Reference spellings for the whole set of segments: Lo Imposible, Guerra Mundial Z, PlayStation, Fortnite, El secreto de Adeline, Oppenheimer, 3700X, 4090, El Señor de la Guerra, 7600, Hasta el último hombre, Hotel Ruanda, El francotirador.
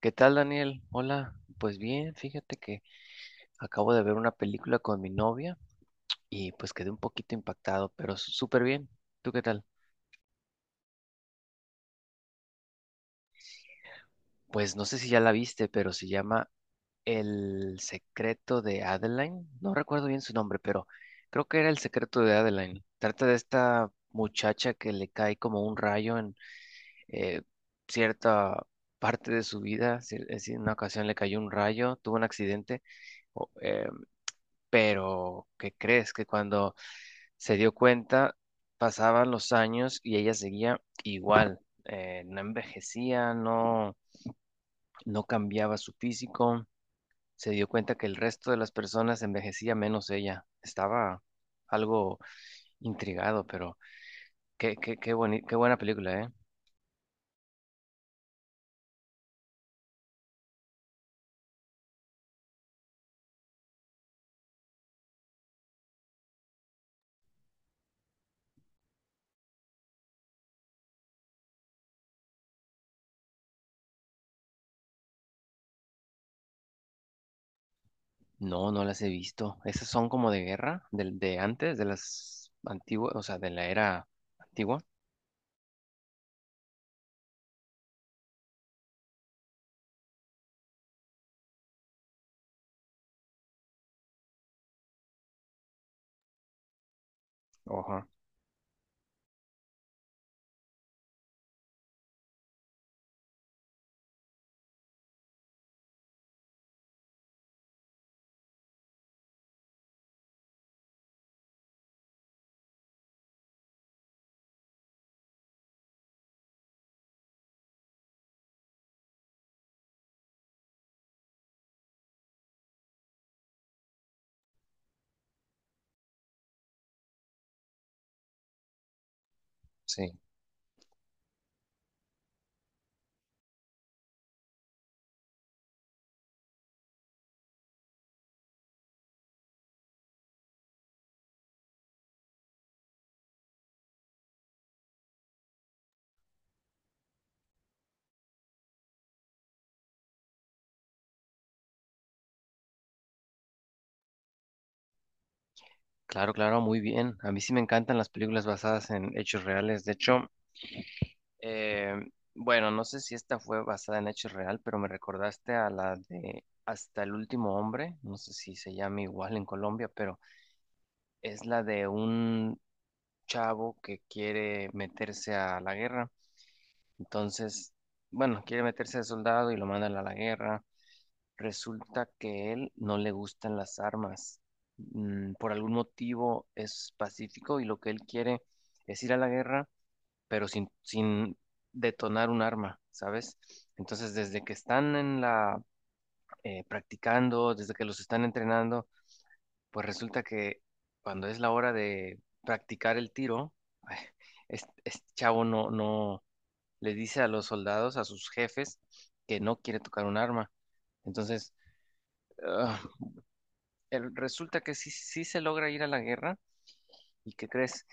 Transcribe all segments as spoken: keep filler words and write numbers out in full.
¿Qué tal, Daniel? Hola, pues bien, fíjate que acabo de ver una película con mi novia y pues quedé un poquito impactado, pero súper bien. ¿Tú qué tal? Pues no sé si ya la viste, pero se llama El secreto de Adeline. No recuerdo bien su nombre, pero creo que era El secreto de Adeline. Trata de esta muchacha que le cae como un rayo en eh, cierta parte de su vida. Si- es decir, en una ocasión le cayó un rayo, tuvo un accidente o- eh, pero, ¿qué crees? Que cuando se dio cuenta, pasaban los años y ella seguía igual. Eh, no envejecía, no, no cambiaba su físico. Se dio cuenta que el resto de las personas envejecía menos ella. Estaba algo intrigado, pero qué, qué, qué, boni- qué buena película, ¿eh? No, no las he visto. Esas son como de guerra, del de antes, de las antiguas, o sea, de la era antigua. Ajá, sí. Claro, claro, muy bien. A mí sí me encantan las películas basadas en hechos reales. De hecho, eh, bueno, no sé si esta fue basada en hechos real, pero me recordaste a la de Hasta el último hombre. No sé si se llama igual en Colombia, pero es la de un chavo que quiere meterse a la guerra. Entonces, bueno, quiere meterse de soldado y lo mandan a la guerra. Resulta que él no le gustan las armas. Mm, por algún motivo es pacífico y lo que él quiere es ir a la guerra, pero sin, sin detonar un arma, ¿sabes? Entonces, desde que están en la eh, practicando, desde que los están entrenando, pues resulta que cuando es la hora de practicar el tiro, es este chavo no, no le dice a los soldados, a sus jefes, que no quiere tocar un arma. Entonces, ah, el- resulta que sí, sí se logra ir a la guerra y ¿qué crees?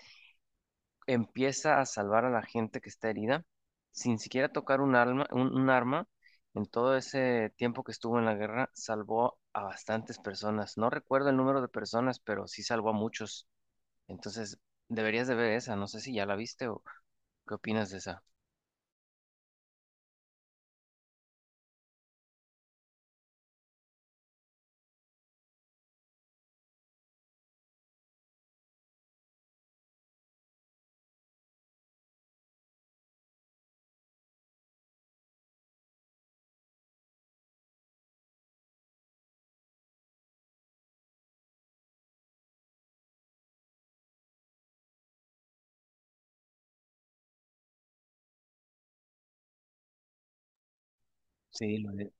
Empieza a salvar a la gente que está herida sin siquiera tocar un alma- un, un arma. En todo ese tiempo que estuvo en la guerra, salvó a bastantes personas. No recuerdo el número de personas, pero sí salvó a muchos. Entonces, deberías de ver esa. No sé si ya la viste o qué opinas de esa. Sí, lo de-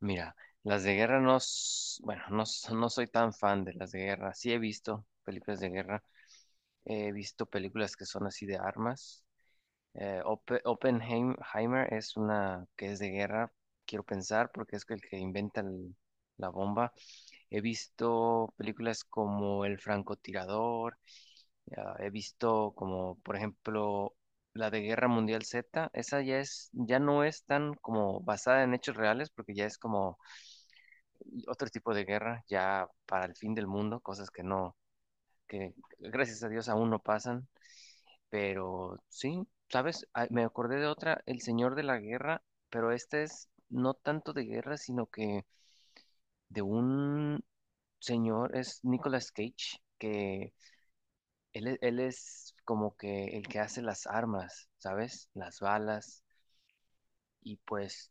Mira, las de guerra no, s- bueno, no, s- no soy tan fan de las de guerra. Sí he visto películas de guerra. He visto películas que son así de armas. Eh, Oppe- Oppenheimer es una que es de guerra, quiero pensar, porque es el que inventa el- la bomba. He visto películas como El francotirador, ya, he visto como, por ejemplo, la de Guerra Mundial Z. Esa ya es, ya no es tan como basada en hechos reales, porque ya es como otro tipo de guerra, ya para el fin del mundo, cosas que no, que gracias a Dios aún no pasan. Pero sí, ¿sabes? Ah, me acordé de otra, El Señor de la Guerra, pero esta es no tanto de guerra, sino que de un señor, es Nicolas Cage, que él, e- él es como que el que hace las armas, ¿sabes? Las balas. Y pues,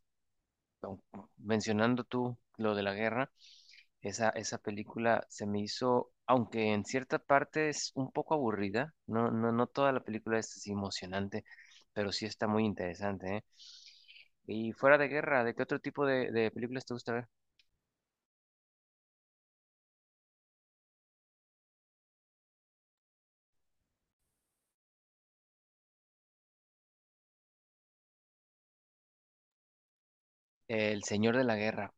au- mencionando tú lo de la guerra, esa, esa película se me hizo, aunque en cierta parte es un poco aburrida, no, no, no toda la película es así emocionante, pero sí está muy interesante, ¿eh? Y fuera de guerra, ¿de qué otro tipo de, de películas te gusta ver? El Señor de la Guerra.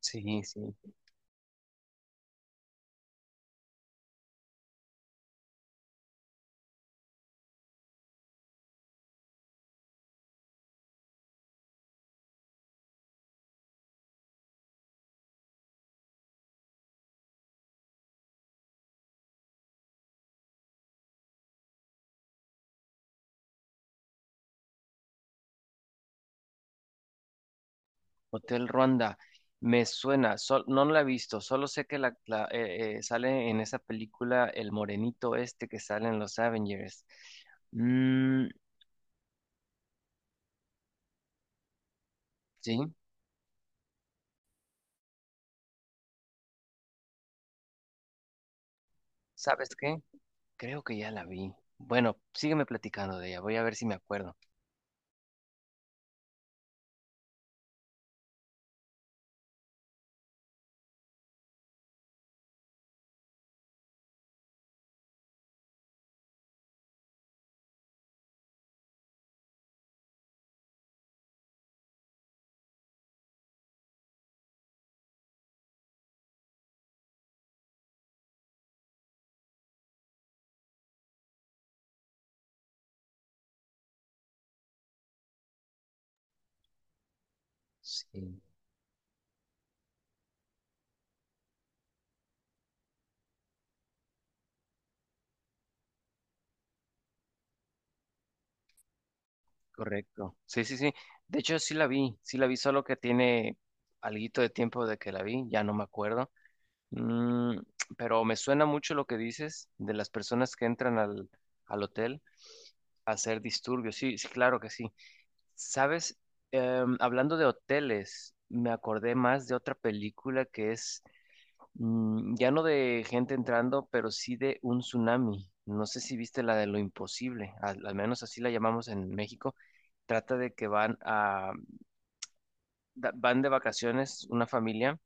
Sí, sí. Hotel Ruanda. Me suena, sol- no la he visto, solo sé que la, la- eh, eh, sale en esa película el morenito este que sale en los Avengers. Mm, sí, ¿sabes qué? Creo que ya la vi. Bueno, sígueme platicando de ella, voy a ver si me acuerdo. Sí, correcto. Sí, sí, sí. De hecho, sí la vi, sí la vi, solo que tiene alguito de tiempo de que la vi, ya no me acuerdo. Mm, pero me suena mucho lo que dices de las personas que entran al, al hotel a hacer disturbios. Sí, sí, claro que sí. Sabes, Em, hablando de hoteles, me acordé más de otra película que es mm, ya no de gente entrando, pero sí de un tsunami. No sé si viste la de Lo Imposible, al al menos así la llamamos en México. Trata de que van a, da- van de vacaciones una familia.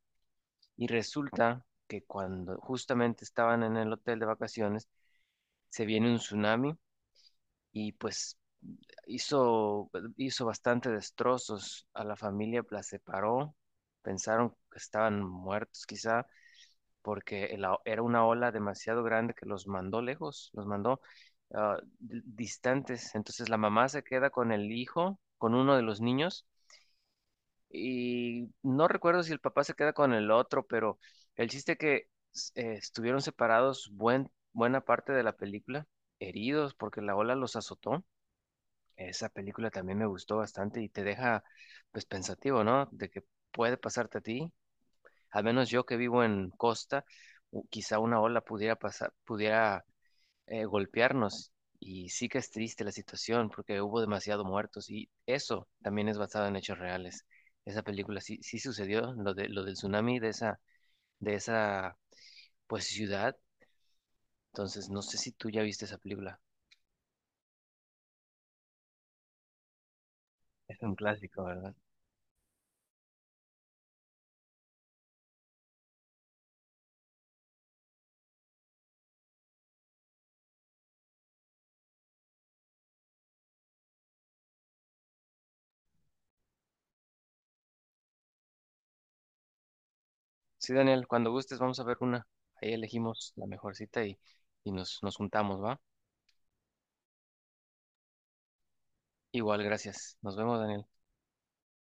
Y resulta que cuando justamente estaban en el hotel de vacaciones, se viene un tsunami y pues hizo, hizo bastante destrozos a la familia, la separó, pensaron que estaban muertos quizá, porque el a- era una ola demasiado grande que los mandó lejos, los mandó ah, di- distantes. Entonces la mamá se queda con el hijo, con uno de los niños. Y no recuerdo si el papá se queda con el otro, pero el chiste que s- eh, estuvieron separados buen, buena parte de la película, heridos porque la ola los azotó. Esa película también me gustó bastante y te deja pues pensativo, ¿no? De que puede pasarte a ti. Al menos yo que vivo en costa, u- quizá una ola pudiera pasar, pudiera eh, golpearnos. Y sí que es triste la situación porque hubo demasiado muertos y eso también es basado en hechos reales. Esa película sí, sí sucedió, lo de, lo del tsunami de esa, de esa pues ciudad. Entonces, no sé si tú ya viste esa película. Es un clásico, ¿verdad? Sí, Daniel, cuando gustes vamos a ver una. Ahí elegimos la mejor cita y, y nos, nos juntamos, ¿va? Igual, gracias. Nos vemos, Daniel.